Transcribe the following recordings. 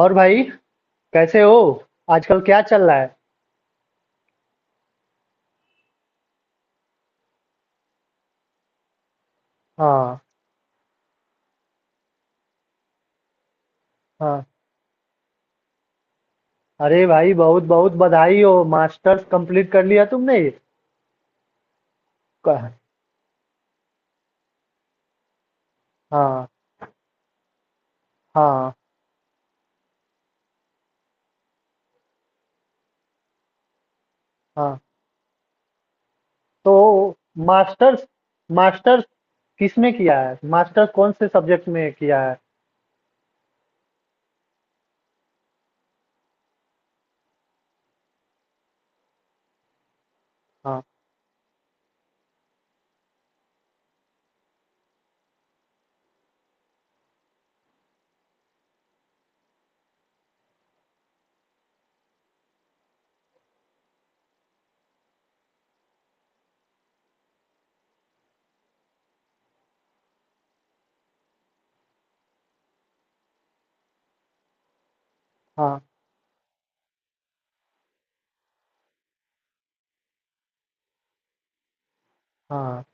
और भाई, कैसे हो? आजकल क्या चल रहा है? हाँ। हाँ, अरे भाई, बहुत बहुत बधाई हो, मास्टर्स कंप्लीट कर लिया तुमने। क- हाँ। हाँ। हाँ, तो मास्टर्स मास्टर्स किस में किया है, मास्टर्स कौन से सब्जेक्ट में किया है? हाँ। हाँ। हाँ।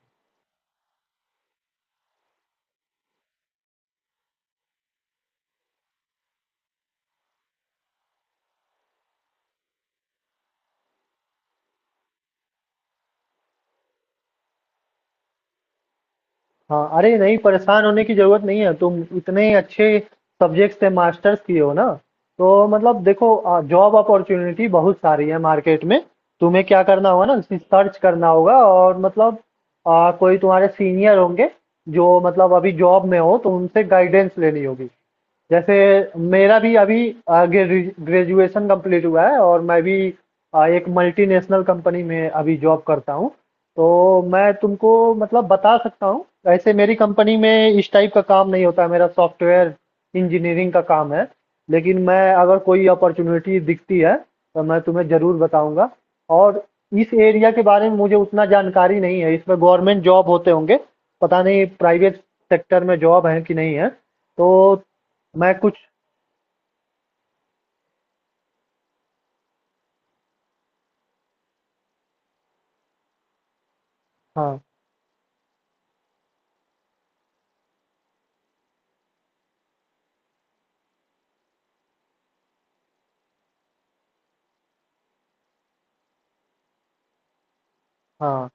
हाँ, अरे नहीं, परेशान होने की ज़रूरत नहीं है। तुम इतने अच्छे सब्जेक्ट से मास्टर्स किए हो ना, तो मतलब देखो, जॉब अपॉर्च्युनिटी बहुत सारी है मार्केट में। तुम्हें क्या करना होगा ना, सर्च करना होगा। और मतलब कोई तुम्हारे सीनियर होंगे जो मतलब अभी जॉब में हो, तो उनसे गाइडेंस लेनी होगी। जैसे मेरा भी अभी आगे ग्रेजुएशन कंप्लीट हुआ है और मैं भी एक मल्टीनेशनल कंपनी में अभी जॉब करता हूँ। तो मैं तुमको मतलब बता सकता हूँ, वैसे मेरी कंपनी में इस टाइप का काम नहीं होता है, मेरा सॉफ्टवेयर इंजीनियरिंग का काम है। लेकिन मैं अगर कोई अपॉर्चुनिटी दिखती है तो मैं तुम्हें ज़रूर बताऊंगा। और इस एरिया के बारे में मुझे उतना जानकारी नहीं है, इसमें गवर्नमेंट जॉब होते होंगे, पता नहीं प्राइवेट सेक्टर में जॉब है कि नहीं है। तो मैं कुछ हाँ। हाँ।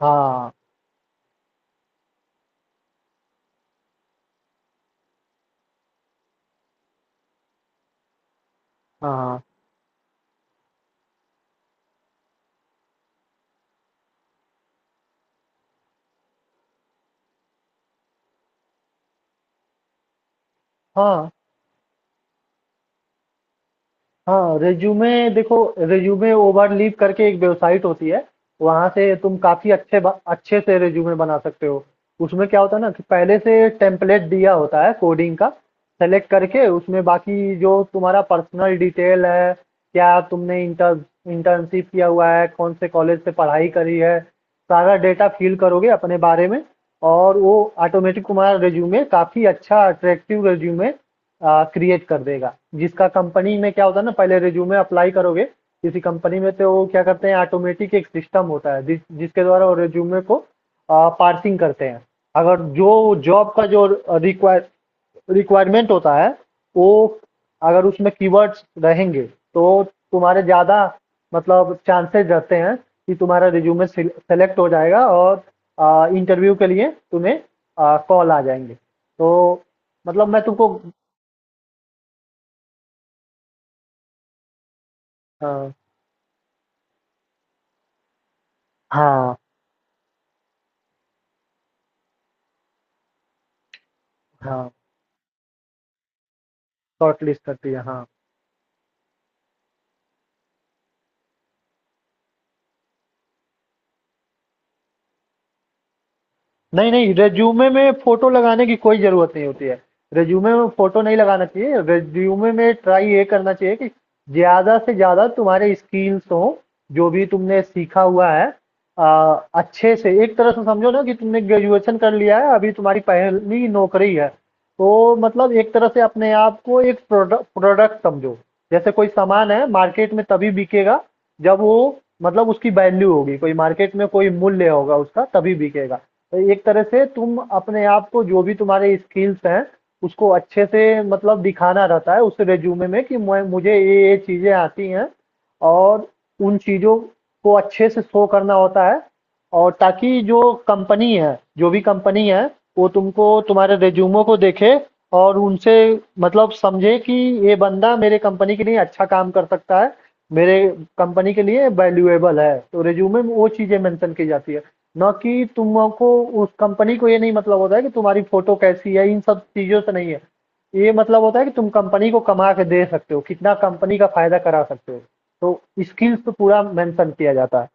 हाँ। हाँ। हाँ। हाँ। रिज्यूमे, देखो, रिज्यूमे ओवरलीप करके एक वेबसाइट होती है। वहां से तुम काफी अच्छे अच्छे से रिज्यूमे बना सकते हो। उसमें क्या होता है ना कि पहले से टेम्पलेट दिया होता है कोडिंग का, सेलेक्ट करके उसमें बाकी जो तुम्हारा पर्सनल डिटेल है, क्या तुमने इंटर्नशिप किया हुआ है, कौन से कॉलेज से पढ़ाई करी है, सारा डेटा फिल करोगे अपने बारे में। और वो ऑटोमेटिक तुम्हारा रिज्यूमे काफी अच्छा अट्रैक्टिव रिज्यूमे क्रिएट कर देगा। जिसका कंपनी में क्या होता है ना, पहले रिज्यूमे अप्लाई करोगे किसी कंपनी में, तो वो क्या करते हैं, ऑटोमेटिक एक सिस्टम होता है जिसके द्वारा वो रिज्यूमे को पार्सिंग करते हैं। अगर जो जॉब का जो रिक्वायर रिक्वायरमेंट होता है, वो अगर उसमें कीवर्ड्स रहेंगे तो तुम्हारे ज़्यादा मतलब चांसेस रहते हैं कि तुम्हारा रिज्यूमे सेलेक्ट हो जाएगा और इंटरव्यू के लिए तुम्हें कॉल आ जाएंगे। तो मतलब मैं तुमको हाँ। हाँ। हाँ। शॉर्टलिस्ट करती है, हाँ। नहीं नहीं, रेज्यूमे में फोटो लगाने की कोई जरूरत नहीं होती है। रेज्यूमे में फोटो नहीं लगाना चाहिए, रेज्यूमे में ट्राई ये करना चाहिए कि ज्यादा से ज्यादा तुम्हारे स्किल्स हो, जो भी तुमने सीखा हुआ है। अच्छे से एक तरह से समझो ना कि तुमने ग्रेजुएशन कर लिया है, अभी तुम्हारी पहली नौकरी है, तो मतलब एक तरह से अपने आप को एक प्रोडक्ट प्रोडक्ट समझो। जैसे कोई सामान है मार्केट में, तभी बिकेगा जब वो मतलब उसकी वैल्यू होगी, कोई मार्केट में कोई मूल्य होगा उसका, तभी बिकेगा। तो एक तरह से तुम अपने आप को, जो भी तुम्हारे स्किल्स हैं, उसको अच्छे से मतलब दिखाना रहता है उस रेज्यूमे में कि मैं, मुझे ये चीजें आती हैं, और उन चीजों को अच्छे से शो करना होता है। और ताकि जो कंपनी है, जो भी कंपनी है, वो तुमको तुम्हारे रिज्यूमो को देखे और उनसे मतलब समझे कि ये बंदा मेरे कंपनी के लिए अच्छा काम कर सकता है, मेरे कंपनी के लिए वैल्यूएबल है। तो रिज्यूमे में वो चीज़ें मेंशन की जाती है, ना कि तुमको, उस कंपनी को ये नहीं मतलब होता है कि तुम्हारी फोटो कैसी है, इन सब चीज़ों से नहीं है। ये मतलब होता है कि तुम कंपनी को कमा के दे सकते हो, कितना कंपनी का फायदा करा सकते हो। तो स्किल्स पे पूरा मेंशन किया जाता है।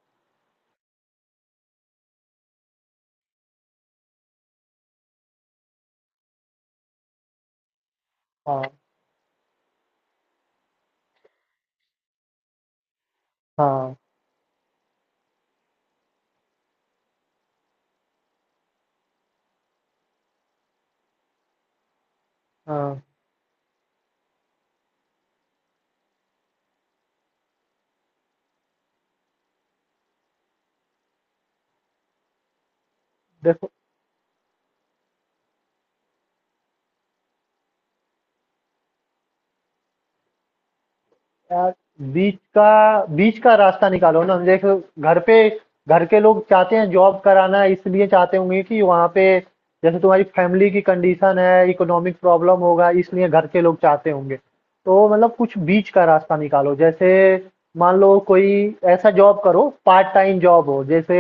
हाँ। हाँ। हाँ। देखो यार, बीच का रास्ता निकालो ना। देखो घर पे, घर के लोग चाहते हैं जॉब कराना, इसलिए चाहते होंगे कि वहाँ पे, जैसे तुम्हारी फैमिली की कंडीशन है, इकोनॉमिक प्रॉब्लम होगा, इसलिए घर के लोग चाहते होंगे। तो मतलब कुछ बीच का रास्ता निकालो। जैसे मान लो कोई ऐसा जॉब करो, पार्ट टाइम जॉब हो, जैसे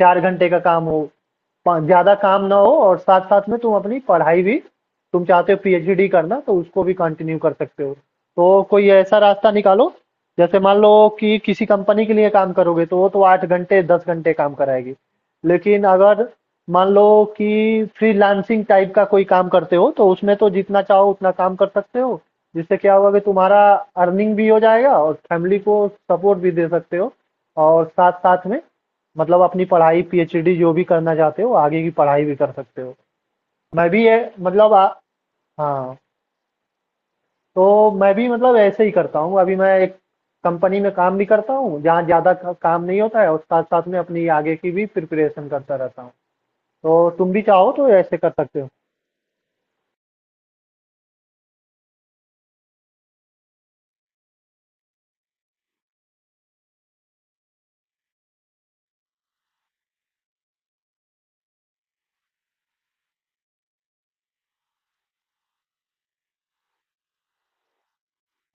चार घंटे का काम हो, ज्यादा काम ना हो, और साथ साथ में तुम अपनी पढ़ाई भी, तुम चाहते हो पीएचडी करना तो उसको भी कंटिन्यू कर सकते हो। तो कोई ऐसा रास्ता निकालो। जैसे मान लो कि किसी कंपनी के लिए काम करोगे तो वो तो आठ घंटे दस घंटे काम कराएगी, लेकिन अगर मान लो कि फ्रीलांसिंग टाइप का कोई काम करते हो तो उसमें तो जितना चाहो उतना काम कर सकते हो। जिससे क्या होगा कि तुम्हारा अर्निंग भी हो जाएगा और फैमिली को सपोर्ट भी दे सकते हो, और साथ साथ में मतलब अपनी पढ़ाई पीएचडी जो भी करना चाहते हो आगे की पढ़ाई भी कर सकते हो। मैं भी ये मतलब हाँ, तो मैं भी मतलब ऐसे ही करता हूँ। अभी मैं एक कंपनी में काम भी करता हूँ जहाँ ज़्यादा काम नहीं होता है और साथ साथ में अपनी आगे की भी प्रिपरेशन करता रहता हूँ। तो तुम भी चाहो तो ऐसे कर सकते हो।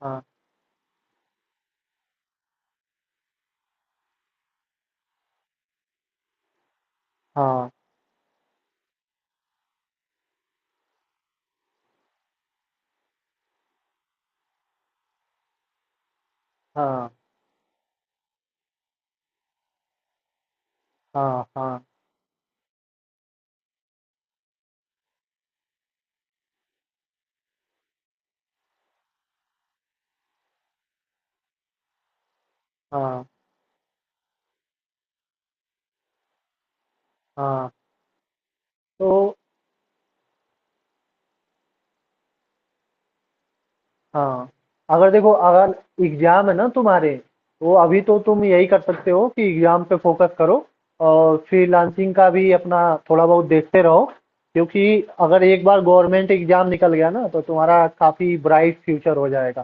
हाँ। हाँ। हाँ। हाँ। हाँ। हाँ। हाँ, तो हाँ, अगर देखो, अगर एग्ज़ाम है ना तुम्हारे, तो अभी तो तुम यही कर सकते हो कि एग्ज़ाम पे फोकस करो और फ्रीलांसिंग का भी अपना थोड़ा बहुत देखते रहो, क्योंकि अगर एक बार गवर्नमेंट एग्ज़ाम निकल गया ना तो तुम्हारा काफ़ी ब्राइट फ्यूचर हो जाएगा।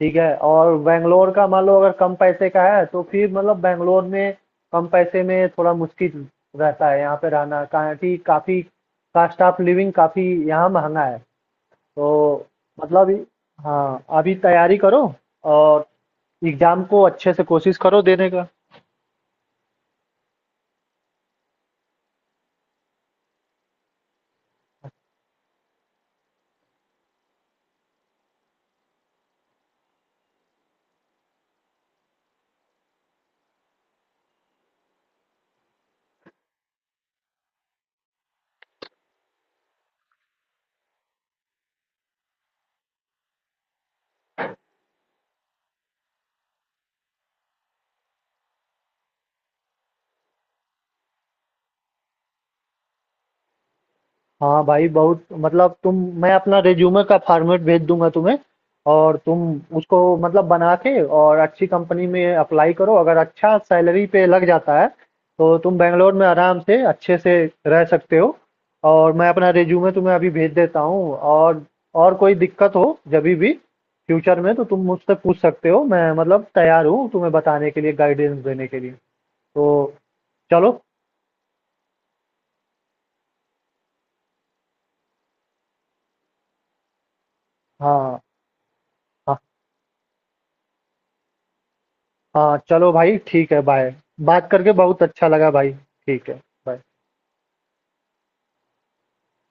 ठीक है? और बैंगलोर का मान लो अगर कम पैसे का है तो फिर मतलब बैंगलोर में कम पैसे में थोड़ा मुश्किल रहता है यहाँ पे रहना, कारण कि काफ़ी कॉस्ट ऑफ लिविंग काफ़ी यहाँ महँगा है। तो मतलब हाँ, अभी तैयारी करो और एग्ज़ाम को अच्छे से कोशिश करो देने का। हाँ भाई, बहुत मतलब तुम, मैं अपना रिज्यूमे का फॉर्मेट भेज दूंगा तुम्हें और तुम उसको मतलब बना के और अच्छी कंपनी में अप्लाई करो। अगर अच्छा सैलरी पे लग जाता है तो तुम बेंगलोर में आराम से अच्छे से रह सकते हो। और मैं अपना रिज्यूमे तुम्हें अभी भेज देता हूँ, और कोई दिक्कत हो जब भी फ्यूचर में तो तुम मुझसे पूछ सकते हो, मैं मतलब तैयार हूँ तुम्हें बताने के लिए गाइडेंस देने के लिए। तो चलो। हाँ। हाँ। हाँ चलो भाई, ठीक है, बाय। बात करके बहुत अच्छा लगा भाई, ठीक है, बाय।